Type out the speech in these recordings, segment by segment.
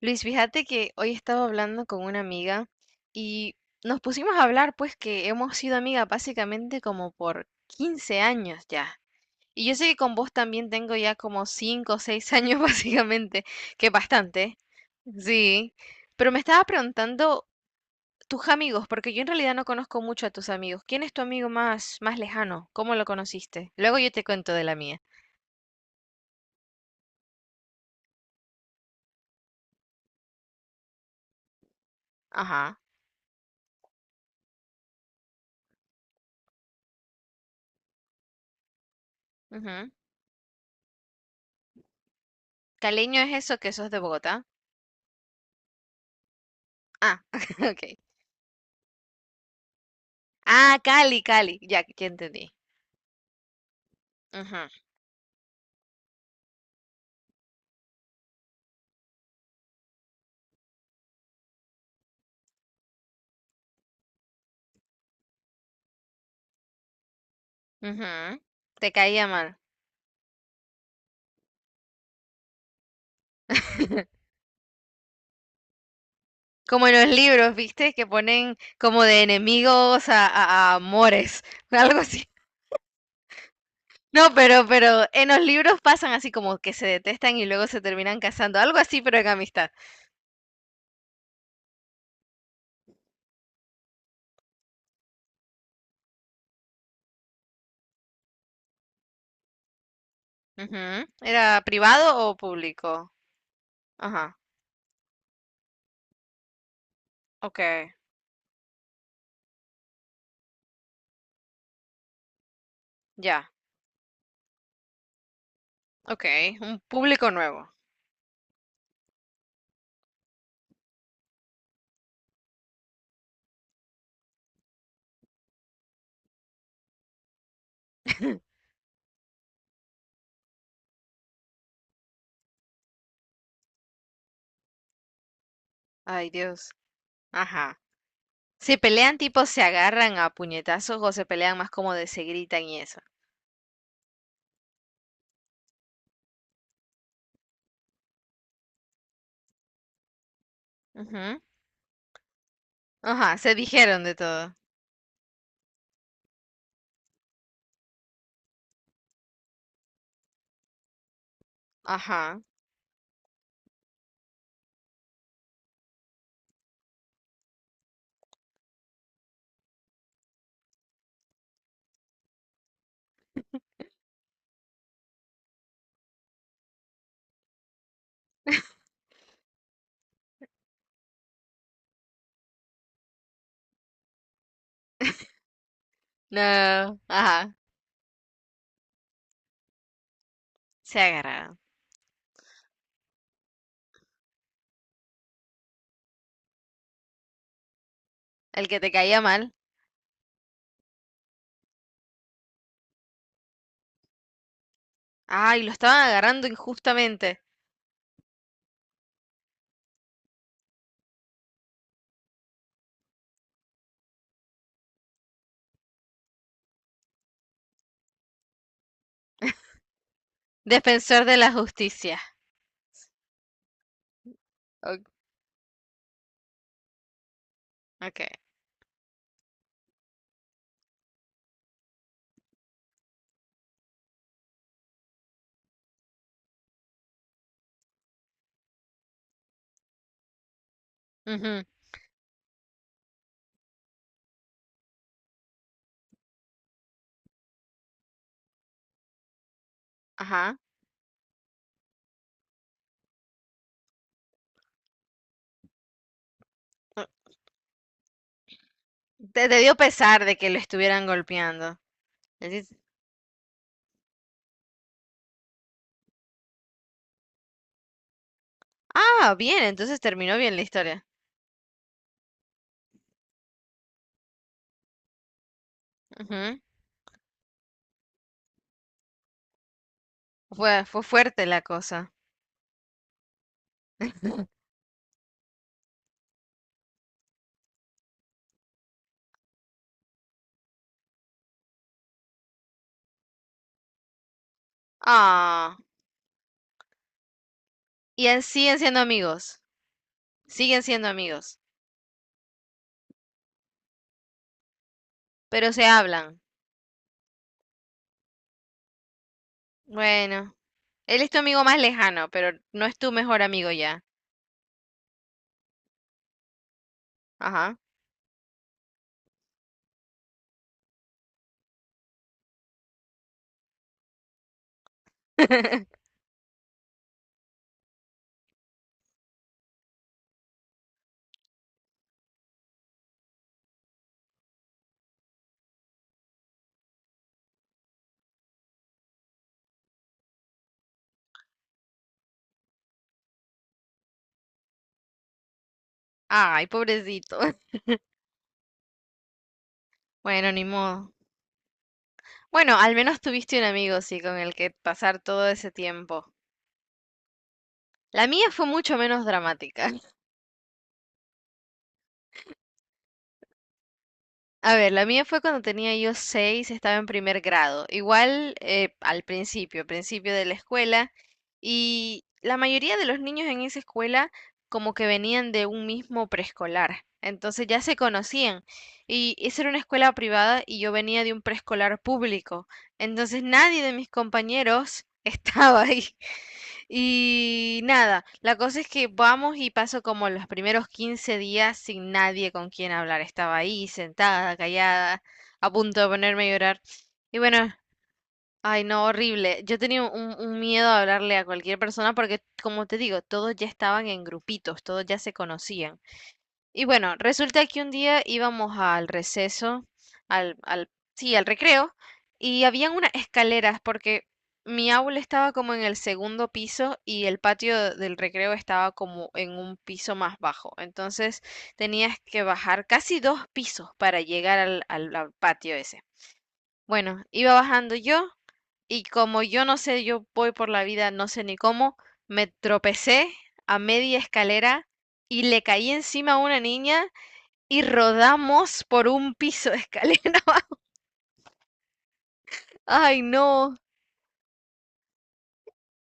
Luis, fíjate que hoy estaba hablando con una amiga y nos pusimos a hablar, pues que hemos sido amigas básicamente como por 15 años ya. Y yo sé que con vos también tengo ya como 5 o 6 años básicamente, que es bastante, sí. Pero me estaba preguntando tus amigos, porque yo en realidad no conozco mucho a tus amigos. ¿Quién es tu amigo más, más lejano? ¿Cómo lo conociste? Luego yo te cuento de la mía. Ajá. Ujú. Caleño es eso que sos de Bogotá. Ah, ok. Ah, Cali, Cali. Ya, ya entendí. Ujú, ujú. Te caía mal. Como en los libros, ¿viste? Que ponen como de enemigos a amores, algo así. No, pero en los libros pasan así como que se detestan y luego se terminan casando, algo así, pero en amistad. Ujú. ¿Era privado o público? Ajá, ok, ya, ok, un público nuevo. Ay, Dios, ajá. ¿Se pelean tipo se agarran a puñetazos o se pelean más como de se gritan y eso? Ujú. Ajá, se dijeron de todo. Ajá. No. Ajá. Se agarraron. El que te caía mal. Ay, lo estaban agarrando injustamente. Defensor de la justicia. O- Ok. Ujú. Ajá. Uh, te dio pesar de que lo estuvieran golpeando. Decís, ah, bien, entonces terminó bien la historia. Ujú. Fue fuerte la cosa. Ah. Y en siguen siendo amigos. Siguen siendo amigos, pero se hablan. Bueno, él es tu amigo más lejano, pero no es tu mejor amigo ya. Ajá. Ay, pobrecito. Bueno, ni modo. Bueno, al menos tuviste un amigo, sí, con el que pasar todo ese tiempo. La mía fue mucho menos dramática. A ver, la mía fue cuando tenía yo 6, estaba en primer grado, igual al principio de la escuela, y la mayoría de los niños en esa escuela como que venían de un mismo preescolar, entonces ya se conocían, y esa era una escuela privada y yo venía de un preescolar público, entonces nadie de mis compañeros estaba ahí. Y nada, la cosa es que vamos y paso como los primeros 15 días sin nadie con quien hablar. Estaba ahí sentada, callada, a punto de ponerme a llorar. Y bueno, ay no, horrible. Yo tenía un miedo a hablarle a cualquier persona porque, como te digo, todos ya estaban en grupitos, todos ya se conocían. Y bueno, resulta que un día íbamos al receso, al, al, sí, al recreo, y habían unas escaleras porque mi aula estaba como en el segundo piso y el patio del recreo estaba como en un piso más bajo. Entonces tenías que bajar casi dos pisos para llegar al patio ese. Bueno, iba bajando yo y como yo no sé, yo voy por la vida, no sé ni cómo, me tropecé a media escalera y le caí encima a una niña y rodamos por un piso de escalera. Ay, no.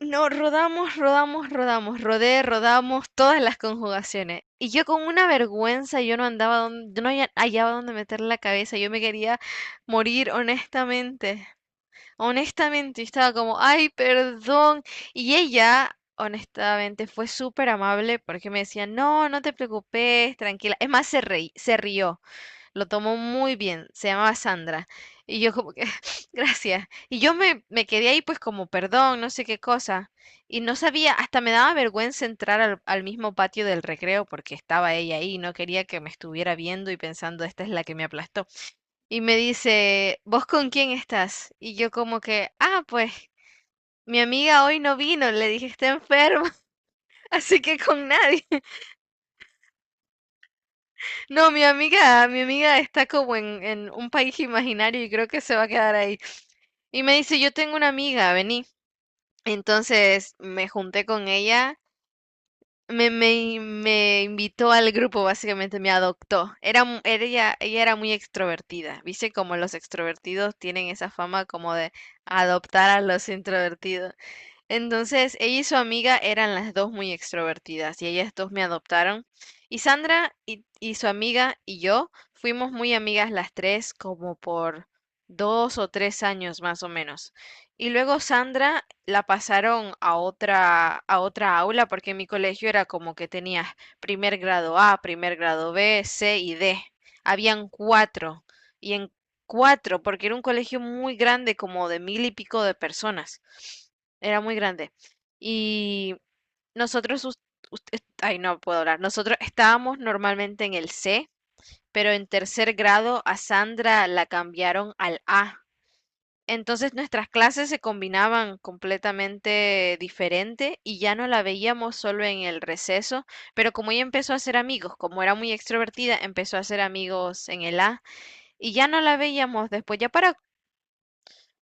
No, rodamos, rodamos, rodamos, rodé, rodamos, todas las conjugaciones. Y yo con una vergüenza, yo no andaba donde, yo no hallaba dónde meter la cabeza, yo me quería morir honestamente. Honestamente, yo estaba como, ay, perdón. Y ella, honestamente, fue súper amable porque me decía, no, no te preocupes, tranquila. Es más, se rió. Lo tomó muy bien, se llamaba Sandra. Y yo como que, gracias. Y yo me quedé ahí pues como, perdón, no sé qué cosa. Y no sabía, hasta me daba vergüenza entrar al mismo patio del recreo porque estaba ella ahí y no quería que me estuviera viendo y pensando, esta es la que me aplastó. Y me dice, ¿vos con quién estás? Y yo como que, ah, pues mi amiga hoy no vino, le dije, está enferma, así que con nadie. No, mi amiga está como en un país imaginario y creo que se va a quedar ahí. Y me dice, yo tengo una amiga, vení. Entonces me junté con ella, me invitó al grupo, básicamente me adoptó. Era, mu- era ella, ella era muy extrovertida. Viste como los extrovertidos tienen esa fama como de adoptar a los introvertidos. Entonces, ella y su amiga eran las dos muy extrovertidas y ellas dos me adoptaron. Y Sandra y su amiga y yo fuimos muy amigas las tres como por 2 o 3 años más o menos. Y luego Sandra la pasaron a otra aula porque en mi colegio era como que tenías primer grado A, primer grado B, C y D. Habían cuatro. Y en cuatro, porque era un colegio muy grande, como de mil y pico de personas era muy grande. Y nosotros, us- ay, no puedo hablar, nosotros estábamos normalmente en el C, pero en tercer grado a Sandra la cambiaron al A. Entonces nuestras clases se combinaban completamente diferente y ya no la veíamos solo en el receso, pero como ella empezó a hacer amigos, como era muy extrovertida, empezó a hacer amigos en el A y ya no la veíamos después. Ya para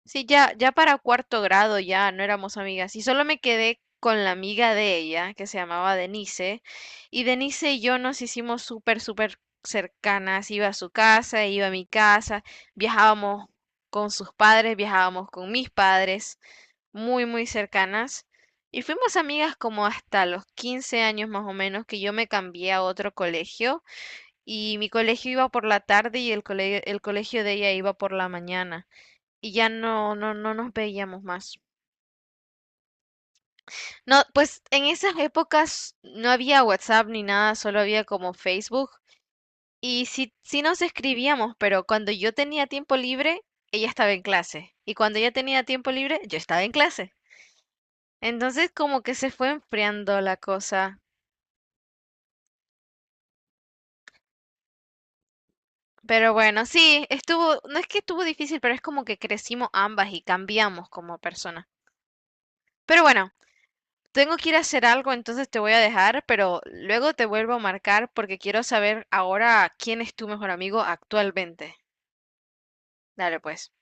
Sí, ya para cuarto grado ya no éramos amigas y solo me quedé con la amiga de ella que se llamaba Denise y Denise y yo nos hicimos súper, súper cercanas. Iba a su casa, iba a mi casa, viajábamos con sus padres, viajábamos con mis padres, muy, muy cercanas y fuimos amigas como hasta los 15 años más o menos que yo me cambié a otro colegio y mi colegio iba por la tarde y el colegio de ella iba por la mañana y ya no nos veíamos más. No, pues en esas épocas no había WhatsApp ni nada, solo había como Facebook. Y sí, sí nos escribíamos, pero cuando yo tenía tiempo libre, ella estaba en clase. Y cuando ella tenía tiempo libre, yo estaba en clase. Entonces como que se fue enfriando la cosa. Pero bueno, sí, estuvo, no es que estuvo difícil, pero es como que crecimos ambas y cambiamos como personas. Pero bueno, tengo que ir a hacer algo, entonces te voy a dejar, pero luego te vuelvo a marcar porque quiero saber ahora quién es tu mejor amigo actualmente. Dale pues.